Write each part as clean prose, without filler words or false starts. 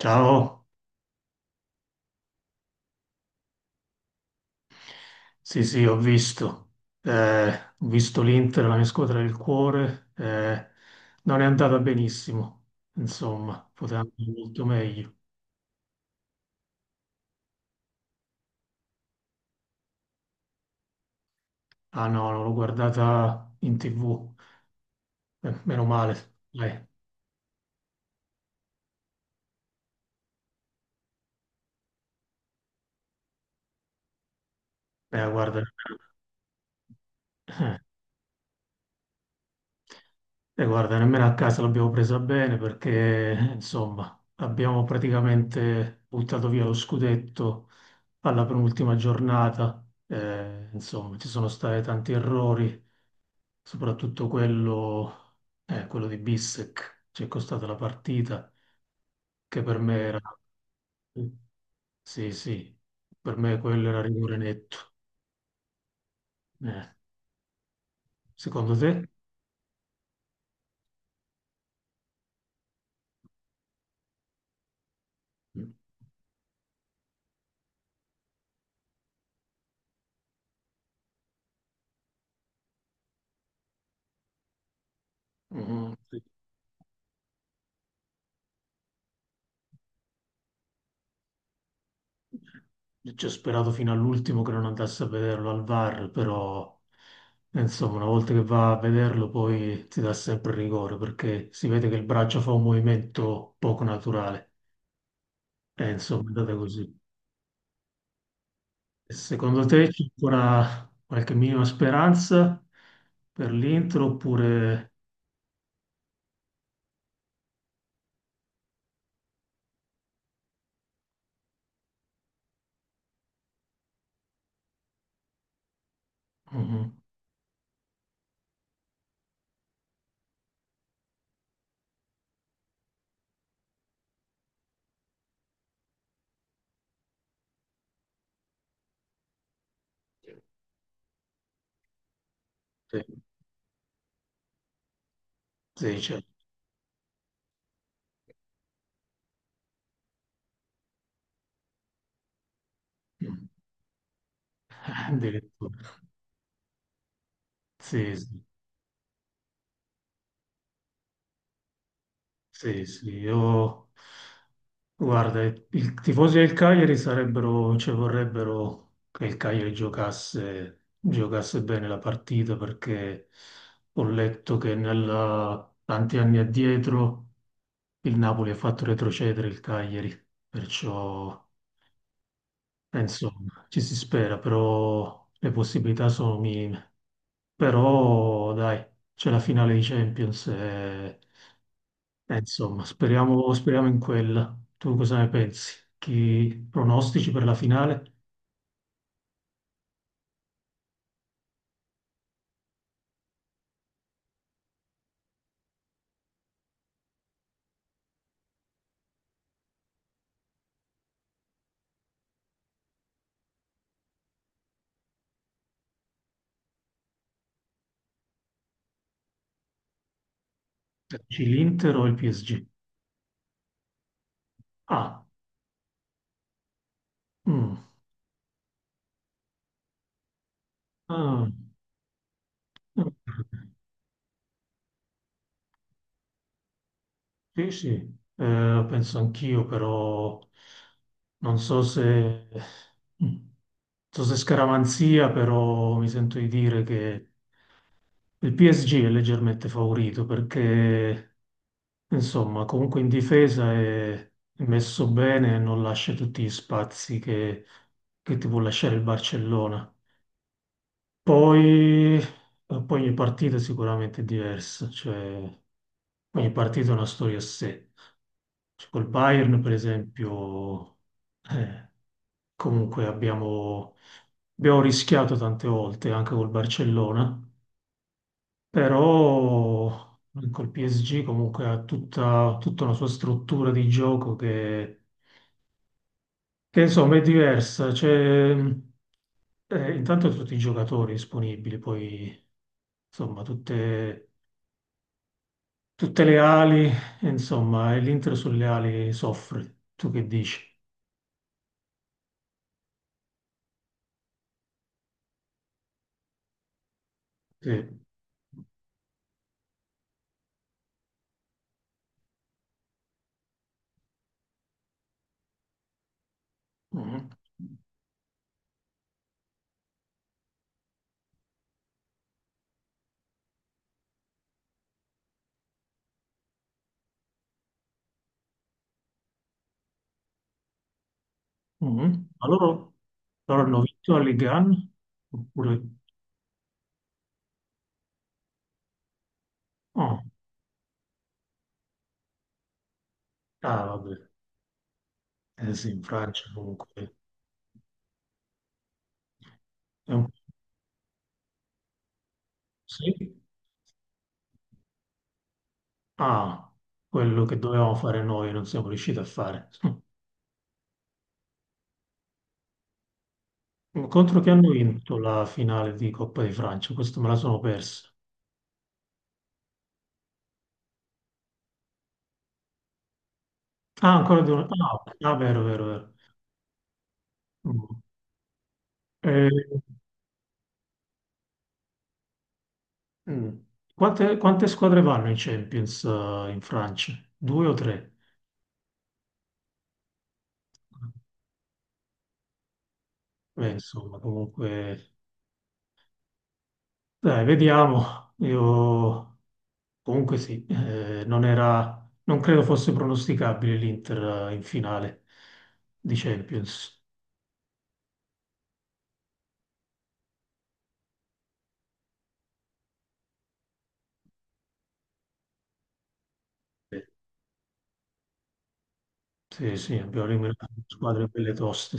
Ciao. Sì, sì, ho visto. Eh, Ho visto l'Inter, la mia squadra del cuore, non è andata benissimo. Insomma, poteva andare molto meglio. Ah, no, non l'ho guardata in TV. Meno male. eh, Guarda. eh, Guarda, nemmeno a casa l'abbiamo presa bene perché, insomma, abbiamo praticamente buttato via lo scudetto alla penultima giornata. Insomma, ci sono stati tanti errori, soprattutto quello di Bissec, ci è costata la partita, che per me era... Sì, sì, per me quello era rigore netto. Eh, Secondo te? Mm, sì. Ci ho sperato fino all'ultimo che non andasse a vederlo al VAR, però insomma, una volta che va a vederlo poi ti dà sempre rigore perché si vede che il braccio fa un movimento poco naturale. E insomma, è andata così. Secondo te c'è ancora qualche minima speranza per l'Inter oppure... Mhm. Sì, sì, c'è. Mm. Addirittura. Sì, sì. Sì, sì, io... Guarda, i tifosi del Cagliari sarebbero, cioè vorrebbero che il Cagliari giocasse, giocasse bene la partita perché ho letto che tanti anni addietro il Napoli ha fatto retrocedere il Cagliari, perciò insomma ci si spera, però le possibilità sono minime. Però dai, c'è la finale di Champions e insomma, speriamo, speriamo in quella. Tu cosa ne pensi? Chi pronostici per la finale? Dici l'Inter o il PSG? Ah, mm, ah, eh, sì, sì. Penso anch'io, però non so se, mm. non so se scaramanzia, però mi sento di dire che il PSG è leggermente favorito perché insomma, comunque in difesa è messo bene e non lascia tutti gli spazi che ti può lasciare il Barcellona. Poi, poi ogni partita sicuramente è diversa, cioè ogni partita ha una storia a sé. Cioè, col Bayern, per esempio, eh, comunque abbiamo rischiato tante volte anche col Barcellona, però col PSG comunque ha tutta, tutta una sua struttura di gioco insomma è diversa. C'è, intanto tutti i giocatori disponibili, poi insomma tutte, tutte le ali, insomma, e l'Inter sulle ali soffre. Tu che dici? Sì. Mhm. Mhm. Ma loro hanno vinto la Ligue 1? Oppure... Oh, ah, vabbè, eh sì, in Francia comunque è un... Sì? Ah, quello che dovevamo fare noi non siamo riusciti a fare. Contro che hanno vinto la finale di Coppa di Francia? Questo me la sono persa. Ah, ancora di una. Ah, ok. Ah, vero, vero, vero. Mm. Eh, mm. Quante squadre vanno in Champions, in Francia? Due o tre? Beh, insomma, comunque. Dai, vediamo. Io comunque sì, non era, non credo fosse pronosticabile l'Inter in finale di Champions. Sì, sì, abbiamo eliminato squadre belle toste.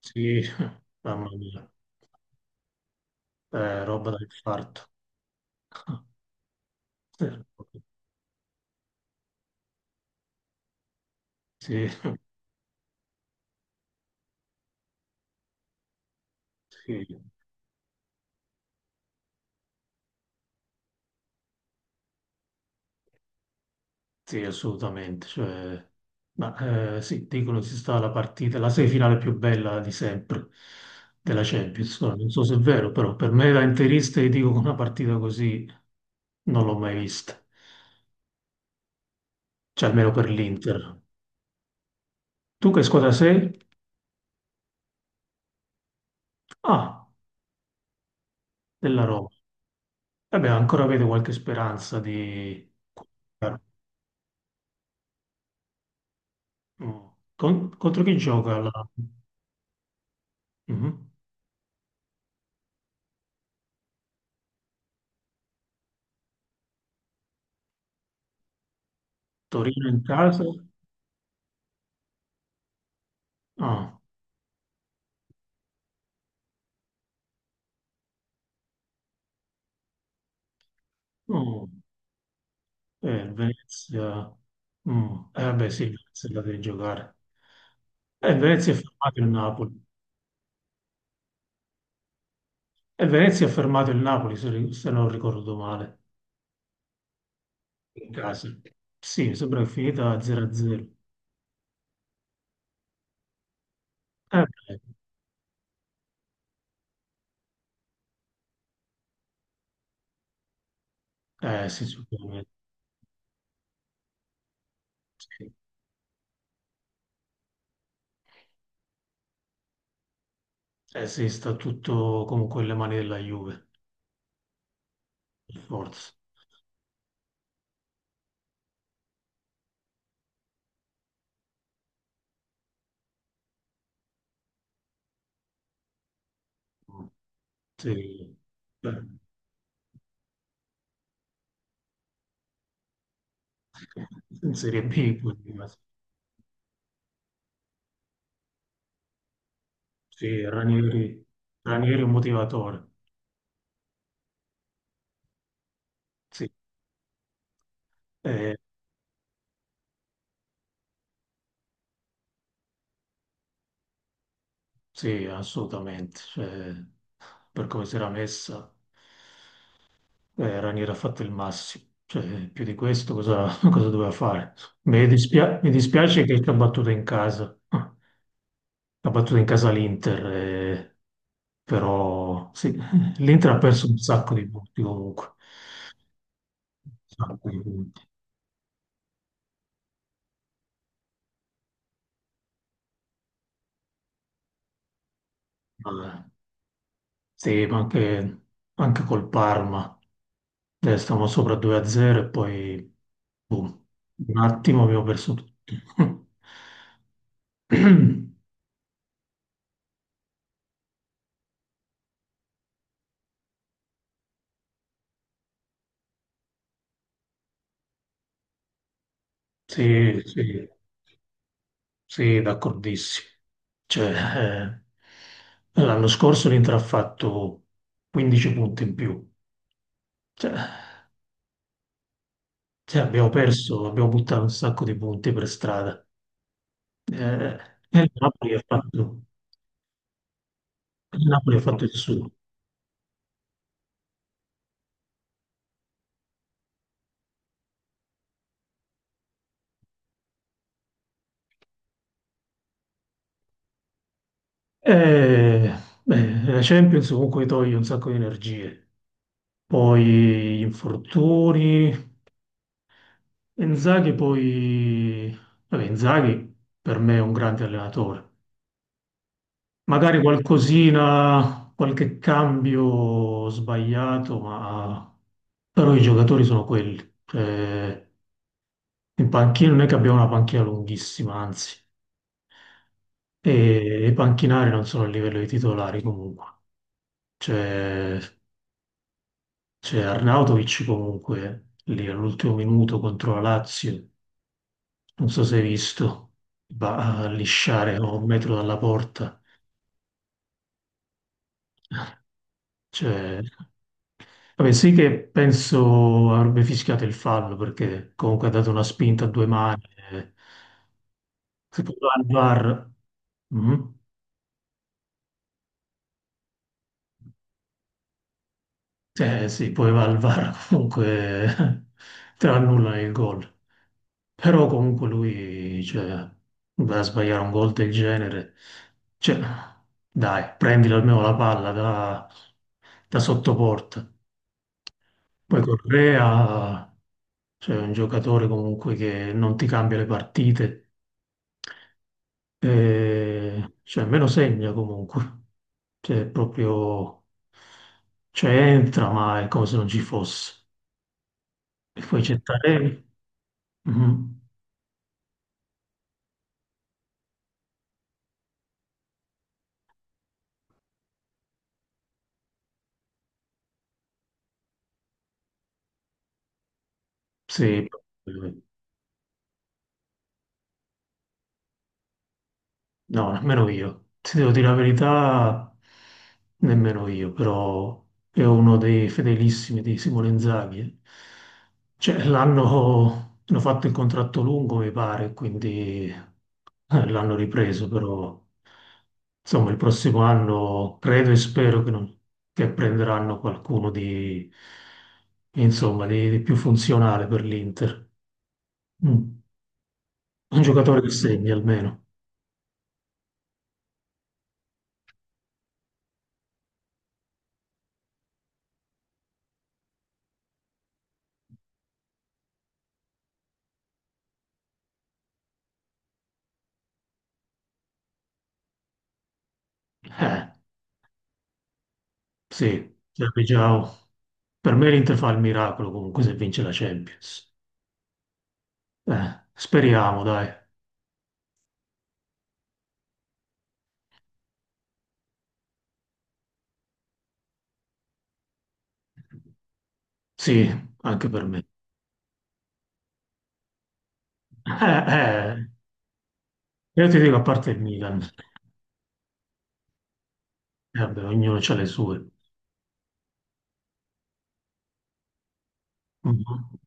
Sì, mamma mia, roba da infarto. Sì, sì. Sì, assolutamente. Cioè, ma sì, dicono si sta la partita, la semifinale più bella di sempre della Champions. Ora, non so se è vero, però per me da interista ti dico che una partita così non l'ho mai vista. Cioè, almeno per l'Inter. Tu che squadra sei? Ah, della Roma. Vabbè, ancora avete qualche speranza di... Mm. Contro chi gioca la... Mhm. Torino in casa? Ah, no. Venezia. Mm. Vabbè, sì, Venezia la devi giocare. E Venezia ha fermato il Napoli. E Venezia ha fermato il Napoli, se non ricordo male. In casa. Sì, mi sembra che è finita 0-0. Eh, Beh, sì, sicuramente. Eh sì, sta tutto comunque nelle mani della Juve, per forza. Mm. Sì. Beh, in Serie B, quindi, ma sì, Ranieri, Ranieri è un motivatore. Sì. eh, Sì, assolutamente. Cioè, per come si era messa, Ranieri ha fatto il massimo. Cioè, più di questo cosa, cosa doveva fare? Mi dispiace che ci ha battuto in casa. Ha battuto in casa l'Inter, però sì, l'Inter ha perso un sacco di punti comunque. Un sacco di punti. Vabbè. Sì, ma anche col Parma. Stavamo sopra 2-0 e poi, boom, un attimo abbiamo perso tutto. Sì, sì, sì, d'accordissimo. Cioè, eh, l'anno scorso l'Inter ha fatto 15 punti in più. Cioè, Abbiamo perso, abbiamo buttato un sacco di punti per strada. Eh, e il Napoli ha fatto il suo. Eh, beh, la Champions comunque toglie un sacco di energie. Poi gli infortuni. Inzaghi poi... Vabbè, Inzaghi per me è un grande allenatore. Magari qualcosina, qualche cambio sbagliato, ma... Però i giocatori sono quelli. Cioè, in panchina non è che abbiamo una panchina lunghissima, anzi. E i panchinari non sono a livello dei titolari comunque. C'è c'è Arnautovic comunque lì all'ultimo minuto contro la Lazio. Non so se hai visto, va a lisciare a un metro dalla porta. Cioè, vabbè, sì che penso avrebbe fischiato il fallo perché comunque ha dato una spinta a due mani. Eh. Secondo me al VAR... Mhm. Eh sì, poi va al VAR comunque te lo annullano il gol. Però comunque lui, cioè, va a sbagliare un gol del genere. Cioè, dai, prendilo almeno la palla da, sottoporta. Poi Correa, cioè, è un giocatore comunque che non ti cambia le partite. E, cioè, me lo segna comunque. Cioè, è proprio... Cioè, entra, ma è come se non ci fosse. E poi c'è Taremi. Mhm. Sì. No, nemmeno io. Ti devo dire la verità, nemmeno io, però è uno dei fedelissimi di Simone Inzaghi. Eh. Cioè, l'hanno hanno fatto il contratto lungo, mi pare, quindi l'hanno ripreso, però insomma il prossimo anno credo e spero che, non- che prenderanno qualcuno di, insomma, di, più funzionale per l'Inter. Mm. Un giocatore che segni almeno. Eh. Sì, serve Giao. Per me l'Inter fa il miracolo comunque se vince la Champions. Speriamo, dai. Sì, anche per me. Eh, eh, io ti dico a parte il Milan. Vabbè, ognuno ha le sue. Mhm.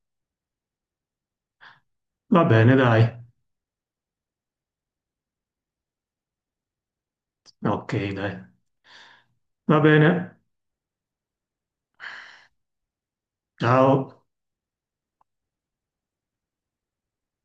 Va bene, dai. Ok, dai. Va bene. Ciao.